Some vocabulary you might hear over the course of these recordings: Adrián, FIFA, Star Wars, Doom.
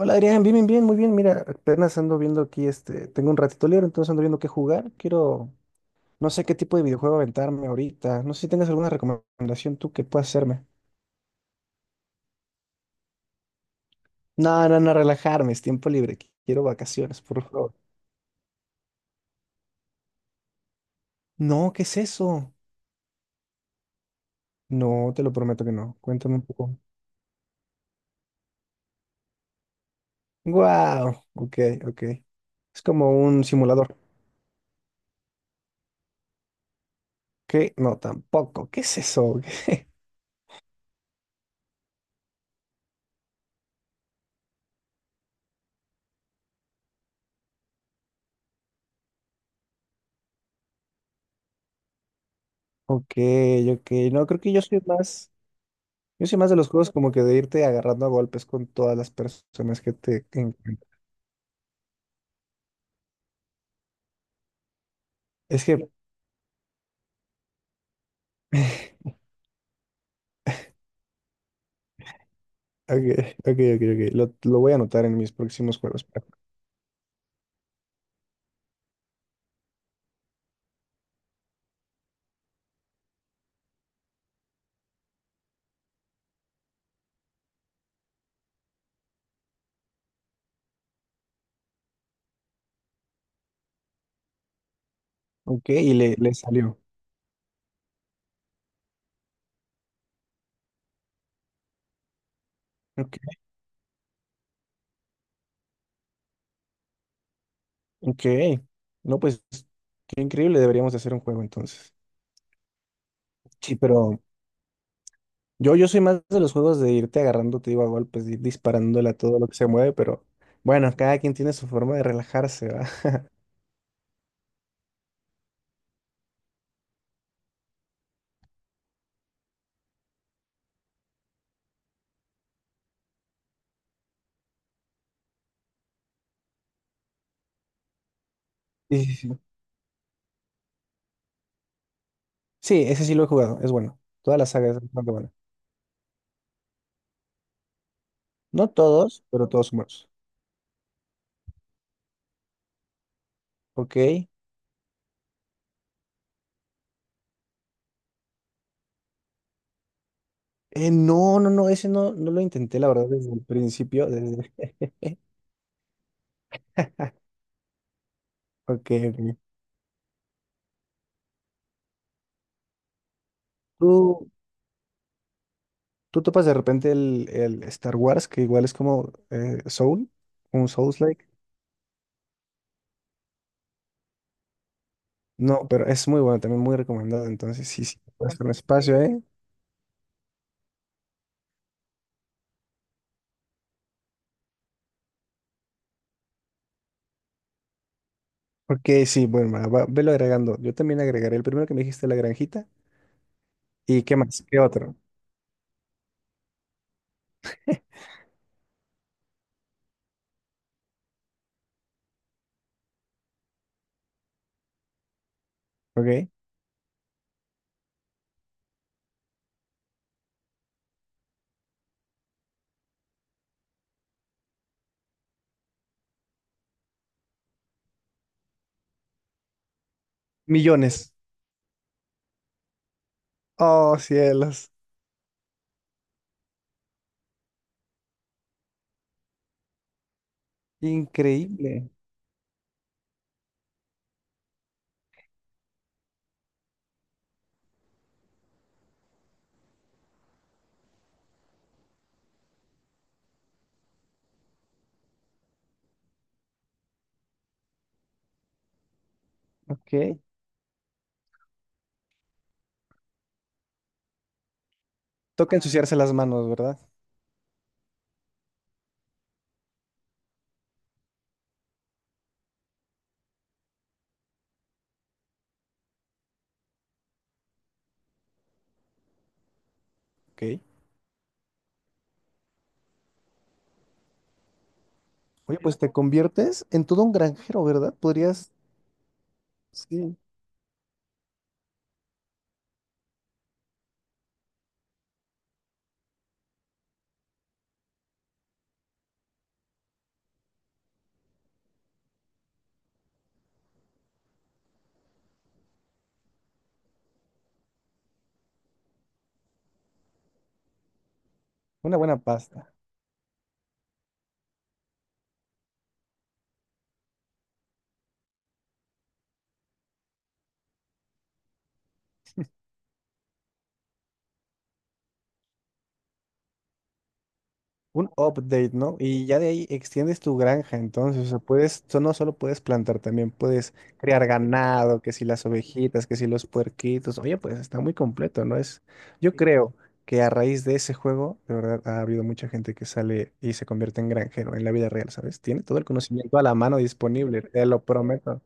Hola Adrián, bien, bien, bien, muy bien. Mira, apenas ando viendo aquí, tengo un ratito libre, entonces ando viendo qué jugar. Quiero, no sé qué tipo de videojuego aventarme ahorita. No sé si tengas alguna recomendación tú que puedas hacerme. No, no, no, relajarme, es tiempo libre. Quiero vacaciones, por favor. No, ¿qué es eso? No, te lo prometo que no. Cuéntame un poco. Wow, ok, ok. Es como un simulador. ¿Qué? No, tampoco. ¿Qué es eso? Ok, ok. No, creo que yo soy más. Yo soy más de los juegos como que de irte agarrando a golpes con todas las personas que te encuentras. Es que, ok, ok, ok, ok. Lo voy a anotar en mis próximos juegos. Ok, y le salió. Ok, ok. No, pues, qué increíble, deberíamos de hacer un juego entonces. Sí, pero yo soy más de los juegos de irte agarrando, te digo, a golpes, de ir disparándole a todo lo que se mueve, pero bueno, cada quien tiene su forma de relajarse, ¿va? Sí, sí, sí. Sí, ese sí lo he jugado, es bueno. Toda la saga es bastante buena. No todos, pero todos son buenos. Ok. No, no, no, ese no, no lo intenté, la verdad, desde el principio. Desde... Ok, ok. ¿Tú, tú topas de repente el Star Wars, que igual es como Soul, un Souls-like? No, pero es muy bueno, también muy recomendado. Entonces, sí, sí, puede ser un espacio, ¿eh? Ok, sí, bueno, velo agregando. Yo también agregaré el primero que me dijiste, La Granjita. ¿Y qué más? ¿Qué otro? Ok. Millones. Oh, cielos. Increíble. Ok. Toca ensuciarse las manos, ¿verdad? Ok. Oye, pues te conviertes en todo un granjero, ¿verdad? Podrías, sí, una buena pasta, un update, ¿no? Y ya de ahí extiendes tu granja, entonces, o sea, puedes, no solo puedes plantar, también puedes criar ganado, que si las ovejitas, que si los puerquitos, oye, pues está muy completo, ¿no? Es, yo creo que a raíz de ese juego, de verdad, ha habido mucha gente que sale y se convierte en granjero en la vida real, ¿sabes? Tiene todo el conocimiento a la mano disponible, te lo prometo.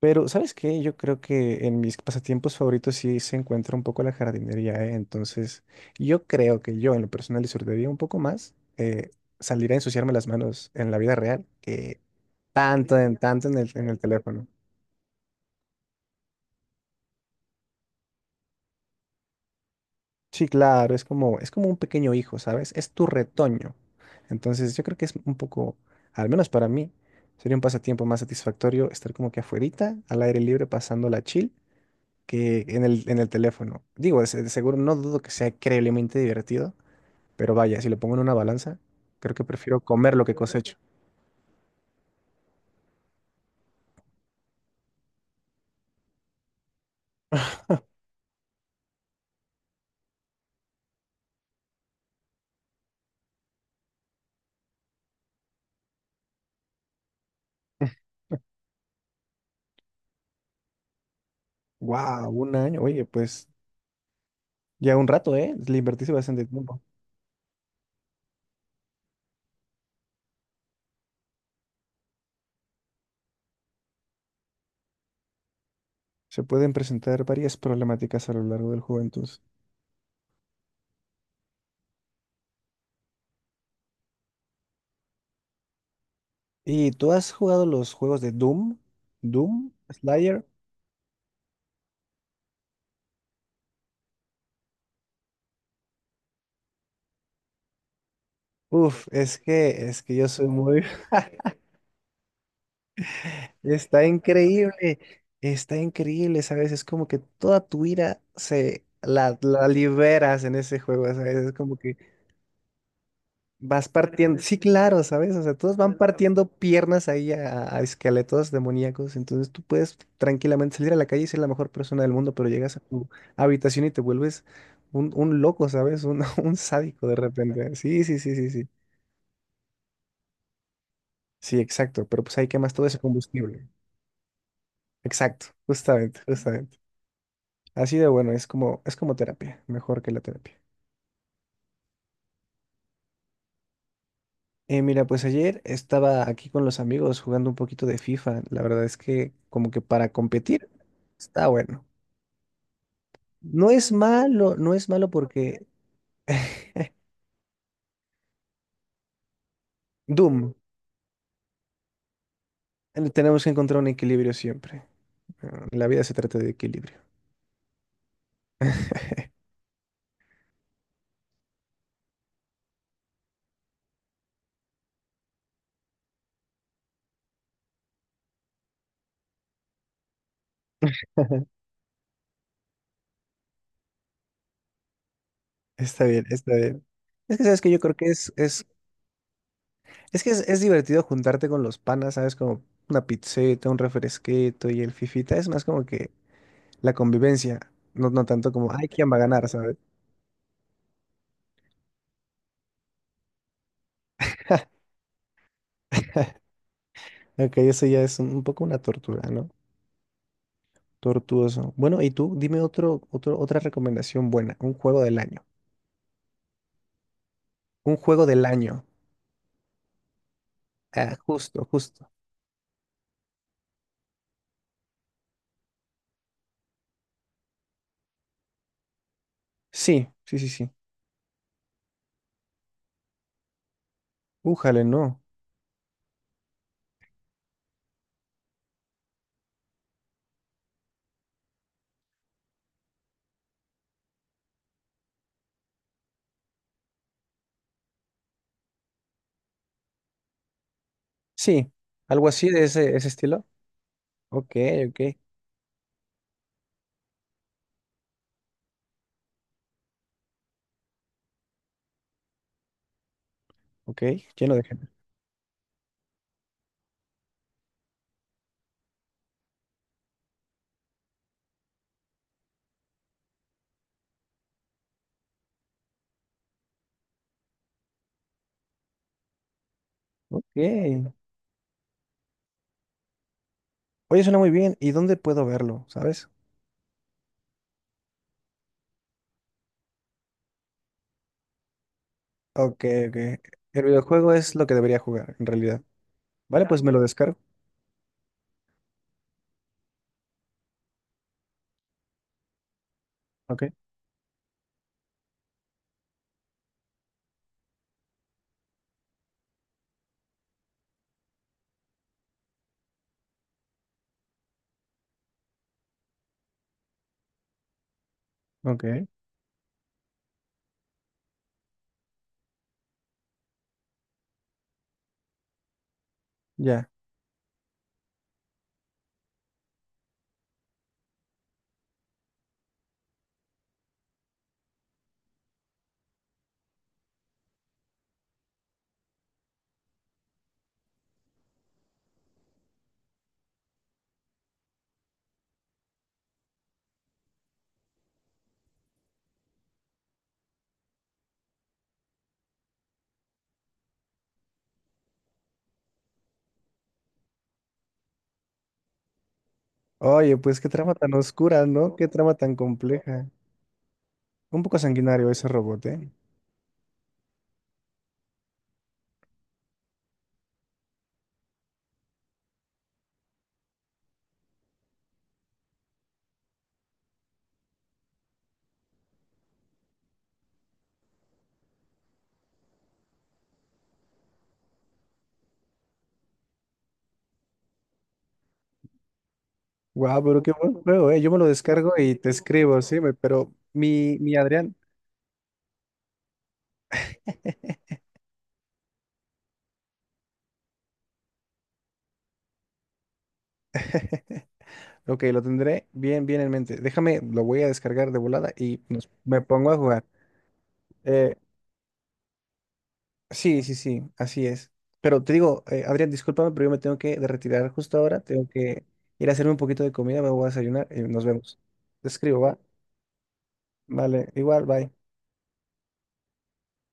Pero, ¿sabes qué? Yo creo que en mis pasatiempos favoritos sí se encuentra un poco la jardinería, ¿eh? Entonces, yo creo que yo en lo personal disfrutaría un poco más salir a ensuciarme las manos en la vida real que tanto en en el teléfono. Sí, claro, es como un pequeño hijo, ¿sabes? Es tu retoño. Entonces, yo creo que es un poco, al menos para mí, sería un pasatiempo más satisfactorio estar como que afuerita, al aire libre, pasándola chill que en en el teléfono. Digo, de seguro no dudo que sea increíblemente divertido, pero vaya, si lo pongo en una balanza, creo que prefiero comer lo que cosecho. Wow, un año. Oye, pues ya un rato, ¿eh? Le invertiste bastante tiempo. Se pueden presentar varias problemáticas a lo largo del juego, entonces. ¿Y tú has jugado los juegos de Doom? ¿Doom? ¿Slayer? Uf, es que yo soy muy... Está increíble, está increíble, ¿sabes? Es como que toda tu ira se la liberas en ese juego, ¿sabes? Es como que vas partiendo, sí, claro, ¿sabes? O sea, todos van partiendo piernas ahí a esqueletos demoníacos, entonces tú puedes tranquilamente salir a la calle y ser la mejor persona del mundo, pero llegas a tu habitación y te vuelves un loco, ¿sabes? Un, un sádico de repente. Sí, sí, sí, sí, sí. Sí, exacto, pero pues ahí quemas todo ese combustible. Exacto, justamente, justamente. Así de bueno, es como terapia, mejor que la terapia. Mira, pues ayer estaba aquí con los amigos jugando un poquito de FIFA. La verdad es que como que para competir está bueno. No es malo, no es malo porque Doom, tenemos que encontrar un equilibrio siempre. La vida se trata de equilibrio. Está bien, está bien. Es que sabes que yo creo que es que es divertido juntarte con los panas, ¿sabes? Como una pizzeta, un refresquito y el fifita. Es más como que la convivencia, no, no tanto como, ay, ¿quién va a ganar, sabes? Ok, eso ya es un poco una tortura, ¿no? Tortuoso. Bueno, y tú, dime otra recomendación buena, un juego del año. Un juego del año. Ah, justo, justo. Sí, sí, sí, sí. Újale, no. Sí, algo así de ese estilo. Ok, ok, ok, lleno de gente. Ok. Oye, suena muy bien. ¿Y dónde puedo verlo, sabes? Ok, ok. El videojuego es lo que debería jugar, en realidad. Vale, pues me lo descargo. Ok, ok. Ya. Oye, pues qué trama tan oscura, ¿no? Qué trama tan compleja. Un poco sanguinario ese robot, ¿eh? Guau, pero qué buen juego, ¿eh? Yo me lo descargo y te escribo, sí, pero mi Adrián. Ok, lo tendré bien, bien en mente. Déjame, lo voy a descargar de volada y me pongo a jugar. Eh, sí, sí, sí, así es. Pero te digo, Adrián, discúlpame, pero yo me tengo que de retirar justo ahora. Tengo que ir a hacerme un poquito de comida, me voy a desayunar y nos vemos. Te escribo, ¿va? Vale, igual, bye.